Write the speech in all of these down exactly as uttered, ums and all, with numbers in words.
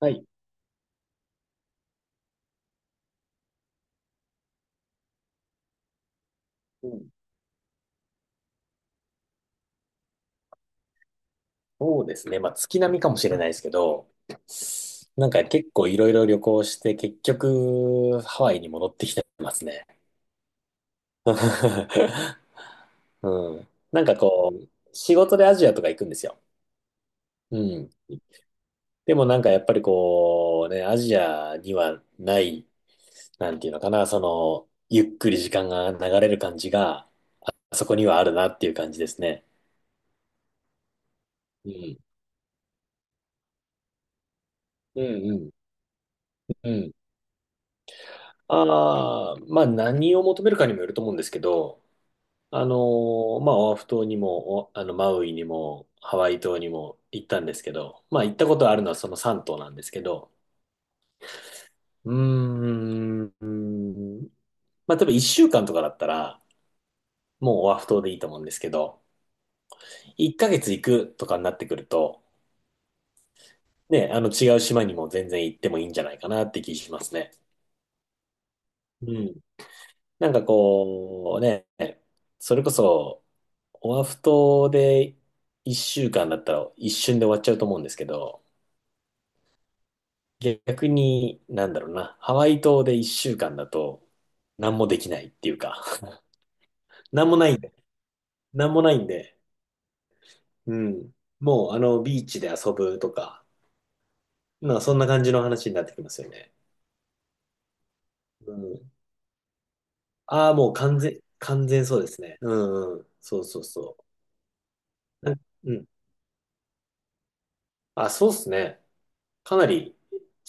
はい。うん、そうですね。まあ、月並みかもしれないですけど、なんか結構いろいろ旅行して、結局、ハワイに戻ってきてますね。うん。なんかこう、仕事でアジアとか行くんですよ。うん。でもなんかやっぱりこう、ね、アジアにはない、なんていうのかな、その、ゆっくり時間が流れる感じが、そこにはあるなっていう感じですね。うん。うんうん。うん。ああ、まあ何を求めるかにもよると思うんですけど、あのーまあオアフ島にも、おあのマウイにも、ハワイ島にも行ったんですけど、まあ行ったことあるのはそのさんとう島なんですけど、うーん、うーんまあ多分いっしゅうかんとかだったら、もうオアフ島でいいと思うんですけど、いっかげつ行くとかになってくると、ね、あの違う島にも全然行ってもいいんじゃないかなって気しますね。うん。なんかこうね、それこそ、オアフ島でいっしゅうかんだったら一瞬で終わっちゃうと思うんですけど、逆に、なんだろうな、ハワイ島でいっしゅうかんだと、何もできないっていうか、何もないんで、何もないんで、うん。もう、あの、ビーチで遊ぶとか、まあ、そんな感じの話になってきますよね。うん。ああ、もう完全、完全そうですね。うんうん。そうそうそう。なんうん。あ、そうっすね。かなり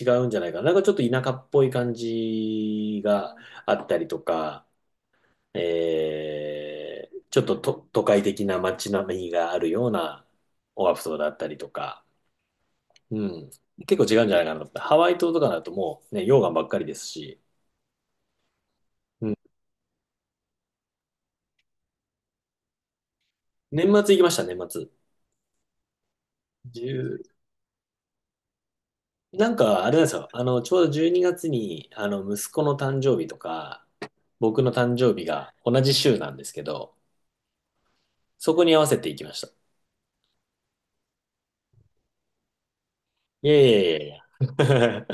違うんじゃないかな。なんかちょっと田舎っぽい感じがあったりとか、えー、ちょっと、と都会的な街並みがあるようなオアフ島だったりとか、うん。結構違うんじゃないかなと思って。ハワイ島とかだともうね、溶岩ばっかりですし、うん。年末行きました、年末。いちなんかあれなんですよ。あの、ちょうど12月にがつに、あの、息子の誕生日とか、僕の誕生日が同じ週なんですけど、そこに合わせて行きました。いやいやいやいや。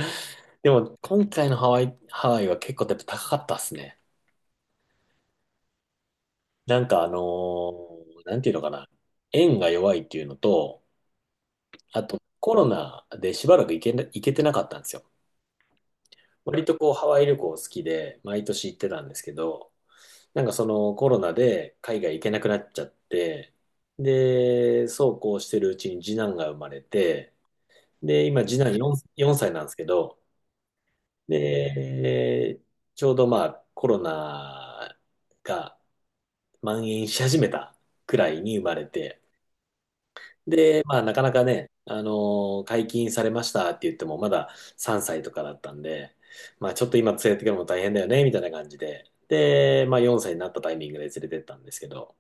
でも、今回のハワイ、ハワイは結構やっぱ高かったっすね。なんかあのーなんていうのかな。円が弱いっていうのと、あとコロナでしばらく行けな、行けてなかったんですよ。割とこうハワイ旅行好きで、毎年行ってたんですけど、なんかそのコロナで海外行けなくなっちゃって、で、そうこうしてるうちに次男が生まれて、で、今次男よん、よんさいなんですけど、で、ちょうどまあコロナが蔓延し始めたくらいに生まれて、で、まあなかなかね、あの解禁されましたって言ってもまださんさいとかだったんで、まあちょっと今連れてくるのも大変だよね、みたいな感じで、で、まあよんさいになったタイミングで連れてったんですけど、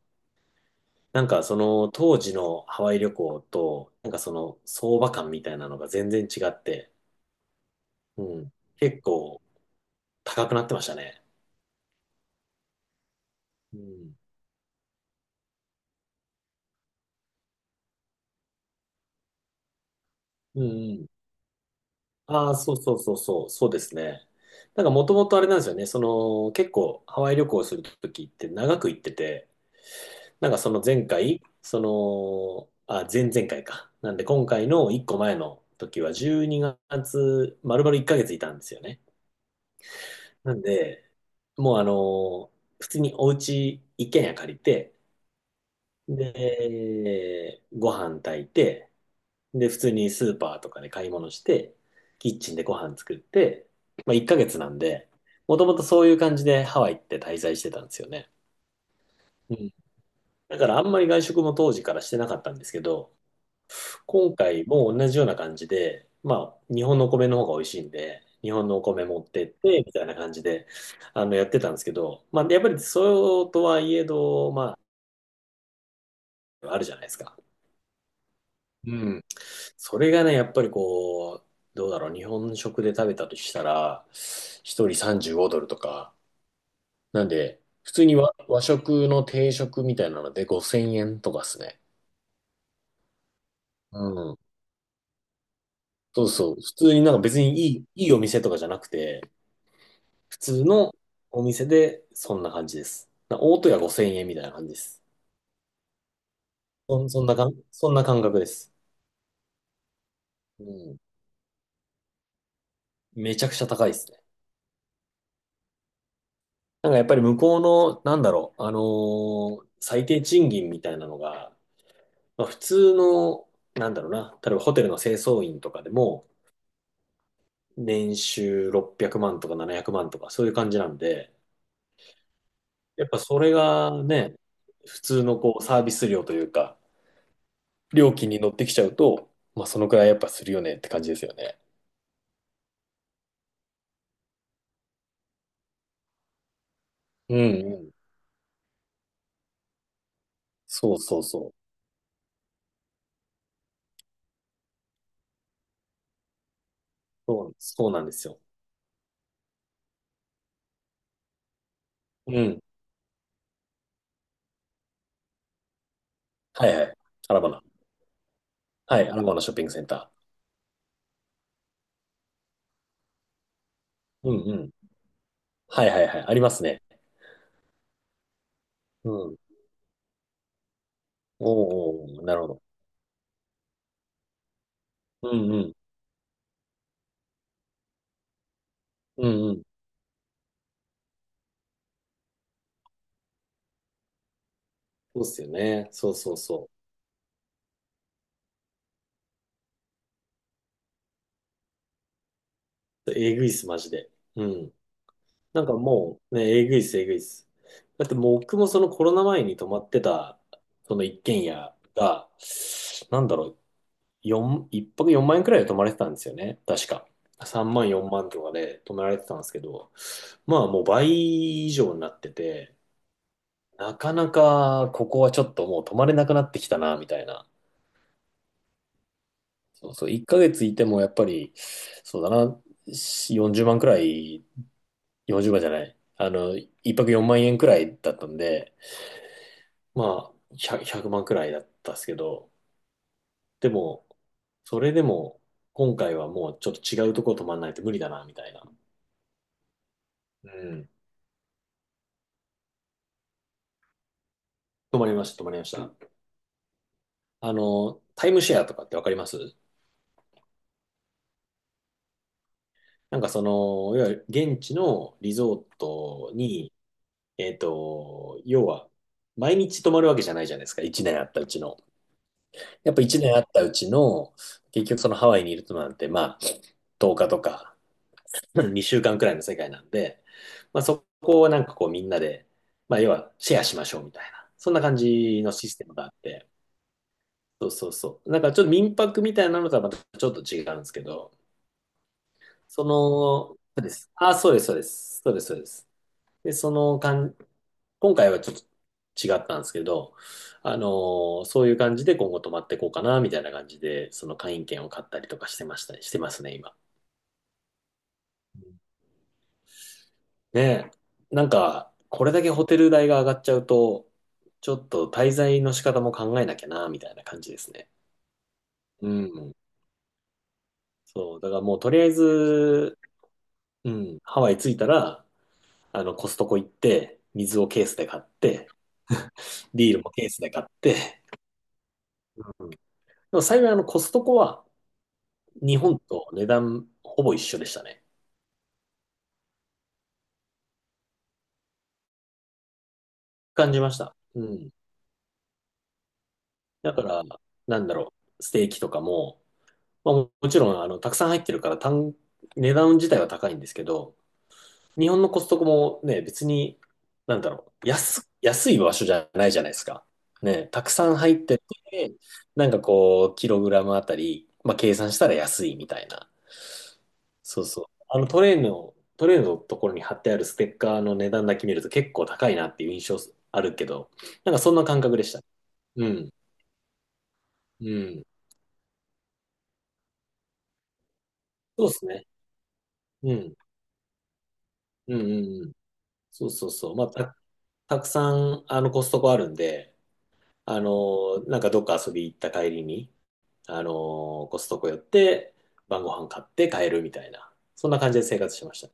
なんかその当時のハワイ旅行と、なんかその相場感みたいなのが全然違って、うん、結構高くなってましたね。うん。うんうんああ、そうそうそうそう、そうですね。なんかもともとあれなんですよね、その結構ハワイ旅行するときって長く行ってて、なんかその前回、その、あ、前々回か。なんで今回のいっこまえの時はじゅうにがつ、丸々1ヶ月いたんですよね。なんで、もうあの、普通にお家一軒家借りて、で、ご飯炊いて、で、普通にスーパーとかで買い物して、キッチンでご飯作って、まあいっかげつなんで、もともとそういう感じでハワイって滞在してたんですよね。うん。だからあんまり外食も当時からしてなかったんですけど、今回も同じような感じで、まあ日本のお米の方が美味しいんで、日本のお米持ってって、みたいな感じで、あの、やってたんですけど、まあやっぱりそうとはいえど、まあ、あるじゃないですか。うん。それがね、やっぱりこう、どうだろう、日本食で食べたとしたら、一人さんじゅうごドルとか、なんで、普通に和、和食の定食みたいなのでごせんえんとかっすね。うん。そうそう。普通になんか別にいい、いいお店とかじゃなくて、普通のお店でそんな感じです。な大戸屋ごせんえんみたいな感じです。そん、そんなかん、そんな感覚です。うん。めちゃくちゃ高いですね。なんかやっぱり向こうの、なんだろう、あのー最低賃金みたいなのが、まあ普通の、なんだろうな、例えばホテルの清掃員とかでも、年収ろっぴゃくまんとかななひゃくまんとか、そういう感じなんで、やっぱそれがね、普通のこうサービス料というか、料金に乗ってきちゃうと、まあそのくらいやっぱするよねって感じですよね。うんうん。そうそうそう。そう、そうなんですよ。うん。はいはい。アラバナ。はい、アラバナショッピングセンター。うんうん。はいはいはい。ありますね。うん。おーおー、なるほど。うんうん。うんうん。そうっすよね。そうそうそう。えぐいっす、マジで。うん。なんかもう、ね、えぐいっす、えぐいっす。だってもう僕もそのコロナ前に泊まってた、その一軒家が、なんだろう、四一泊よんまん円くらいで泊まれてたんですよね。確か。さんまん、よんまんとかで泊められてたんですけど、まあもう倍以上になってて、なかなかここはちょっともう泊まれなくなってきたな、みたいな。そうそう、いっかげついてもやっぱり、そうだな、しよんじゅうまんくらい、よんじゅうまんじゅうまんじゃない、あの、いっぱくよんまん円くらいだったんで、まあ、ひゃく、万くまんくらいだったっすけど、でも、それでも、今回はもうちょっと違うとこ泊まらないと無理だな、みたいな。うん。泊まりました、泊まりました。あの、タイムシェアとかってわかります？なんかその、いわゆる現地のリゾートに、えっと、要は、毎日泊まるわけじゃないじゃないですか、いちねんあったうちの。やっぱいちねんあったうちの、結局そのハワイにいるとなんて、まあ、とおかとか、にしゅうかんくらいの世界なんで、まあそこをなんかこうみんなで、まあ要はシェアしましょうみたいな、そんな感じのシステムがあって、そうそうそう。なんかちょっと民泊みたいなのとはまたちょっと違うんですけど、その、あ、そうです、そうです、そうです、そうです。で、その感今回はちょっと違ったんですけど、あのーそういう感じで今後泊まっていこうかな、みたいな感じで、その会員券を買ったりとかしてました、してますね、今。ねえ。なんか、これだけホテル代が上がっちゃうと、ちょっと滞在の仕方も考えなきゃな、みたいな感じですね。うん。そう。だからもうとりあえず、うん、ハワイ着いたら、あの、コストコ行って、水をケースで買って、ビールもケースで買って、うんでも幸いあの、コストコは、日本と値段ほぼ一緒でしたね。感じました。うん。だから、なんだろう、ステーキとかも、まあ、ももちろん、あの、たくさん入ってるから単、値段自体は高いんですけど、日本のコストコもね、別に、なんだろう、安、安い場所じゃないじゃないですか。ね、たくさん入ってて、なんかこう、キログラムあたり、まあ計算したら安いみたいな。そうそう。あのトレーの、トレーのところに貼ってあるステッカーの値段だけ見ると結構高いなっていう印象あるけど、なんかそんな感覚でした。うん。うん。そうですね。うん。うんうんうん。そうそうそう。まあ、た、たくさん、あの、コストコあるんで、あの、なんかどっか遊び行った帰りに、あの、コストコ寄って晩ご飯買って帰るみたいな、そんな感じで生活してましたね。